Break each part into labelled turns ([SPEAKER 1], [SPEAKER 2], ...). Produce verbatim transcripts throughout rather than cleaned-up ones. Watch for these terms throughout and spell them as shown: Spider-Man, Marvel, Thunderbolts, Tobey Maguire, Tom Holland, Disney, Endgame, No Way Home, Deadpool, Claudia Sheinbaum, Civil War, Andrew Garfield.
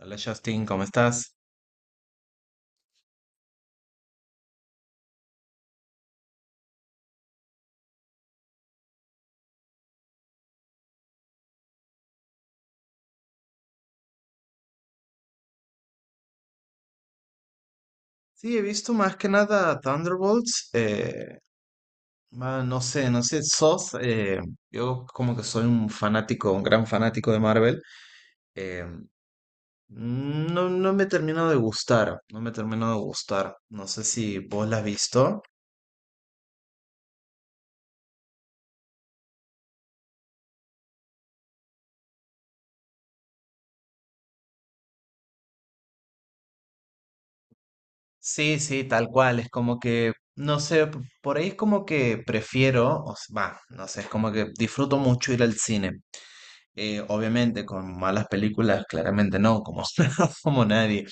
[SPEAKER 1] Hola Justin, ¿cómo estás? Sí, he visto más que nada Thunderbolts. Eh, ma- no sé, no sé, sos. Eh, yo como que soy un fanático, un gran fanático de Marvel. eh, no, no me termino de gustar, no me termino de gustar. No sé si vos la has visto. Sí, sí, tal cual. Es como que, no sé, p- por ahí es como que prefiero, o s- va, no sé, es como que disfruto mucho ir al cine. Eh, obviamente con malas películas, claramente no, como, como nadie,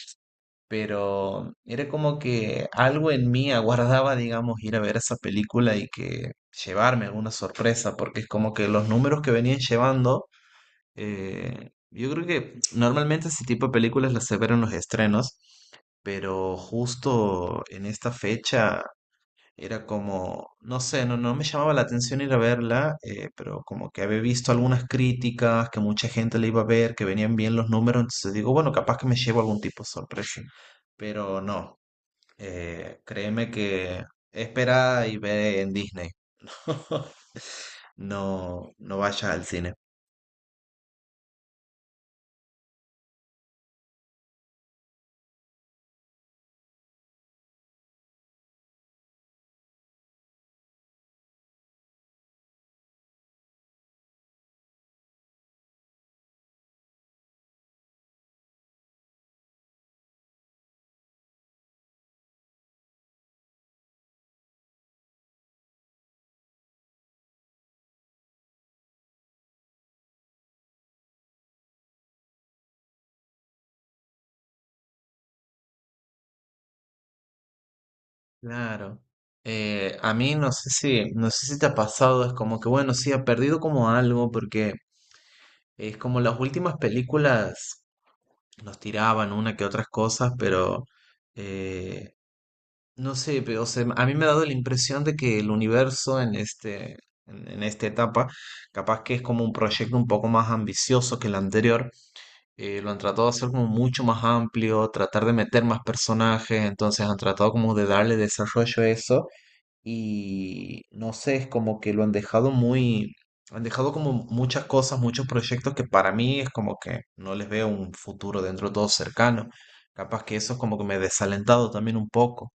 [SPEAKER 1] pero era como que algo en mí aguardaba, digamos, ir a ver esa película y que llevarme alguna sorpresa, porque es como que los números que venían llevando, eh, yo creo que normalmente ese tipo de películas las se ven en los estrenos, pero justo en esta fecha era como, no sé, no, no me llamaba la atención ir a verla, eh, pero como que había visto algunas críticas, que mucha gente le iba a ver, que venían bien los números, entonces digo, bueno, capaz que me llevo algún tipo de sorpresa. Pero no, eh, créeme que espera y ve en Disney. No, no vayas al cine. Claro. Eh, a mí no sé si, no sé si te ha pasado, es como que bueno, sí, ha perdido como algo, porque es como las últimas películas nos tiraban una que otras cosas, pero eh, no sé, pero o sea, a mí me ha dado la impresión de que el universo en este, en en esta etapa, capaz que es como un proyecto un poco más ambicioso que el anterior. Eh, lo han tratado de hacer como mucho más amplio, tratar de meter más personajes, entonces han tratado como de darle desarrollo a eso y no sé, es como que lo han dejado muy, han dejado como muchas cosas, muchos proyectos que para mí es como que no les veo un futuro dentro de todo cercano. Capaz que eso es como que me he desalentado también un poco.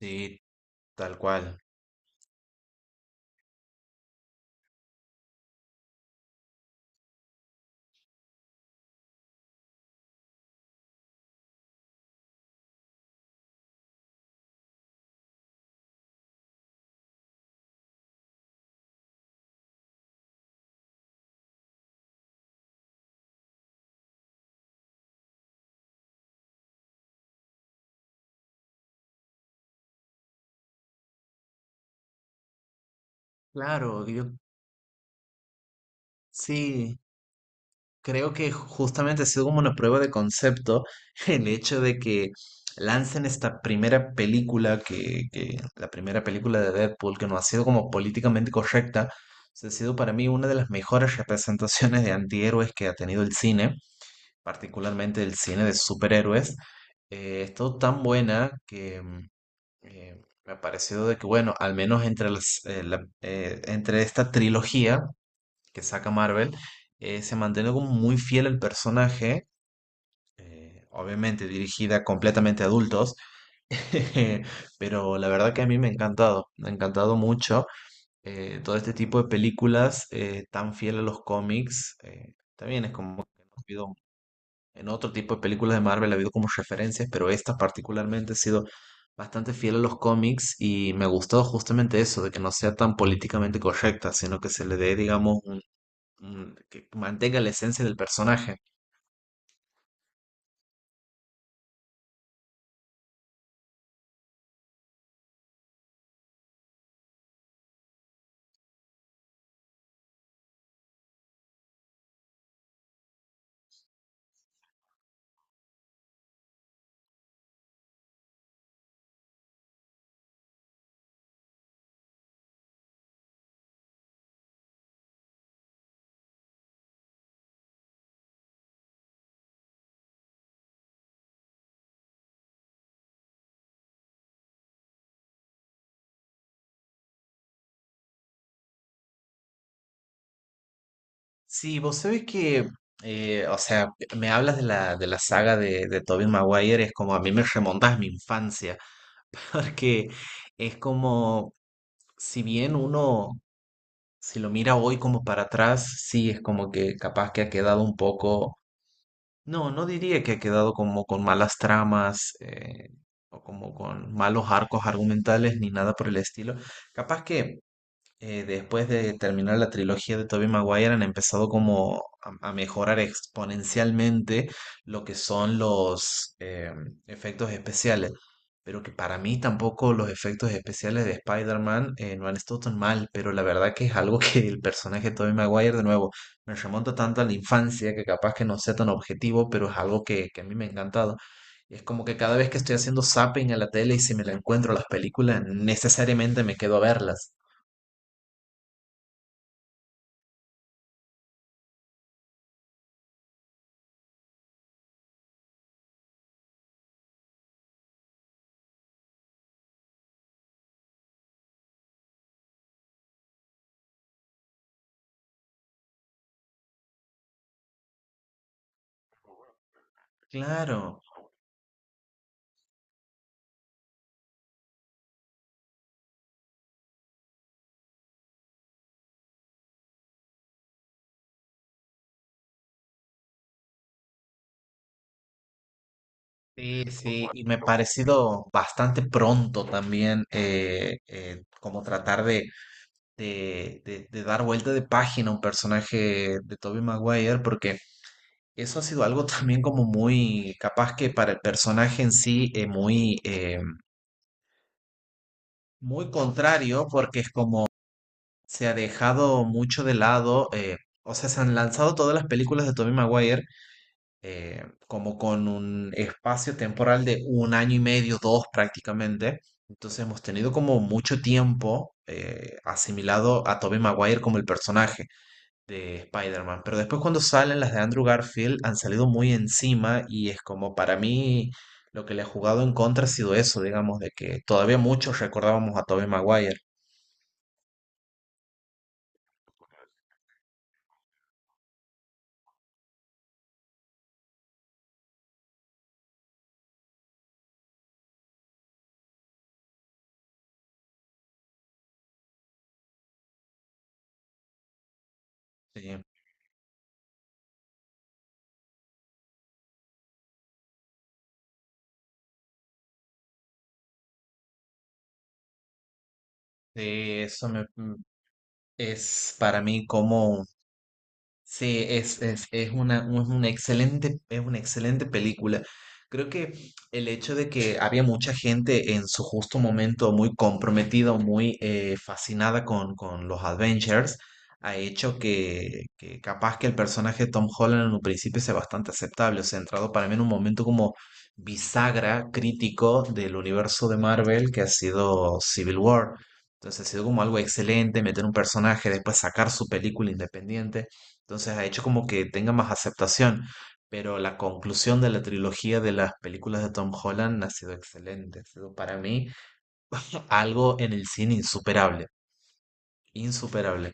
[SPEAKER 1] Sí, tal cual. Claro, yo sí. Creo que justamente ha sido como una prueba de concepto el hecho de que lancen esta primera película, que, que la primera película de Deadpool, que no ha sido como políticamente correcta, se ha sido para mí una de las mejores representaciones de antihéroes que ha tenido el cine, particularmente el cine de superhéroes. Eh, ha estado tan buena que mm, eh, me ha parecido de que, bueno, al menos entre, las, eh, la- eh, entre esta trilogía que saca Marvel, eh, se mantiene como muy fiel al personaje, eh, obviamente dirigida completamente a adultos, pero la verdad que a mí me ha encantado, me ha encantado mucho eh, todo este tipo de películas eh, tan fiel a los cómics. Eh, también es como que no ha habido, en otro tipo de películas de Marvel ha habido como referencias, pero esta particularmente ha sido bastante fiel a los cómics y me ha gustado justamente eso, de que no sea tan políticamente correcta, sino que se le dé, digamos, mm, que mantenga la esencia del personaje. Sí, vos sabés que, eh, o sea, me hablas de la, de la saga de, de Tobey Maguire, es como a mí me remontas a mi infancia, porque es como, si bien uno, si lo mira hoy como para atrás, sí, es como que capaz que ha quedado un poco, no, no diría que ha quedado como con malas tramas, eh, o como con malos arcos argumentales, ni nada por el estilo. Capaz que eh, después de terminar la trilogía de Tobey Maguire han empezado como a, a mejorar exponencialmente lo que son los eh, efectos especiales. Pero que para mí tampoco los efectos especiales de Spider-Man eh, no han estado tan mal, pero la verdad que es algo que el personaje de Tobey Maguire, de nuevo, me remonta tanto a la infancia que capaz que no sea tan objetivo, pero es algo que, que a mí me ha encantado. Y es como que cada vez que estoy haciendo zapping a la tele y si me la encuentro a las películas, necesariamente me quedo a verlas. Claro, sí, sí, y me ha parecido bastante pronto también eh, eh, como tratar de, de, de- de dar vuelta de página a un personaje de Tobey Maguire, porque eso ha sido algo también como muy capaz que para el personaje en sí eh, muy, eh, muy contrario, porque es como se ha dejado mucho de lado, eh, o sea, se han lanzado todas las películas de Tobey Maguire eh, como con un espacio temporal de un año y medio, dos prácticamente. Entonces hemos tenido como mucho tiempo eh, asimilado a Tobey Maguire como el personaje de Spider-Man. Pero después cuando salen las de Andrew Garfield han salido muy encima y es como para mí lo que le ha jugado en contra ha sido eso, digamos, de que todavía muchos recordábamos a Tobey Maguire. Sí, sí, eso me- mm, es para mí como sí, es, es, es una, es una excelente, es una excelente película. Creo que el hecho de que había mucha gente en su justo momento muy comprometida, o muy eh, fascinada con, con los adventures, ha hecho que, que capaz que el personaje de Tom Holland en un principio sea bastante aceptable. O sea, ha entrado para mí en un momento como bisagra crítico del universo de Marvel que ha sido Civil War. Entonces ha sido como algo excelente meter un personaje, después sacar su película independiente. Entonces ha hecho como que tenga más aceptación, pero la conclusión de la trilogía de las películas de Tom Holland ha sido excelente, ha sido para mí algo en el cine insuperable, insuperable.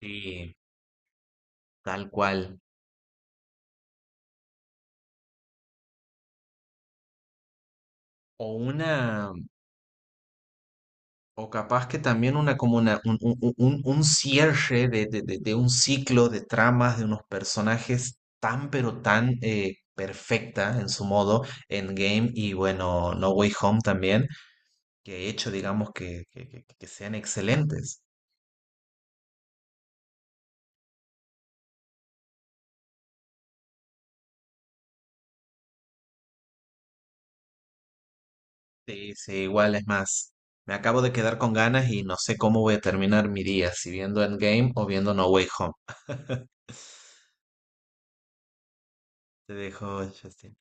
[SPEAKER 1] Sí, tal cual. O una, o capaz que también una como una, un, un- un- un- un cierre de, de- de- de un ciclo de tramas de unos personajes tan pero tan eh, perfecta en su modo, Endgame y bueno, No Way Home también, que he hecho, digamos, que, que- que- que sean excelentes. Sí, sí, igual es más. Me acabo de quedar con ganas y no sé cómo voy a terminar mi día, si viendo Endgame o viendo No Way Home. Te dejo, Justin.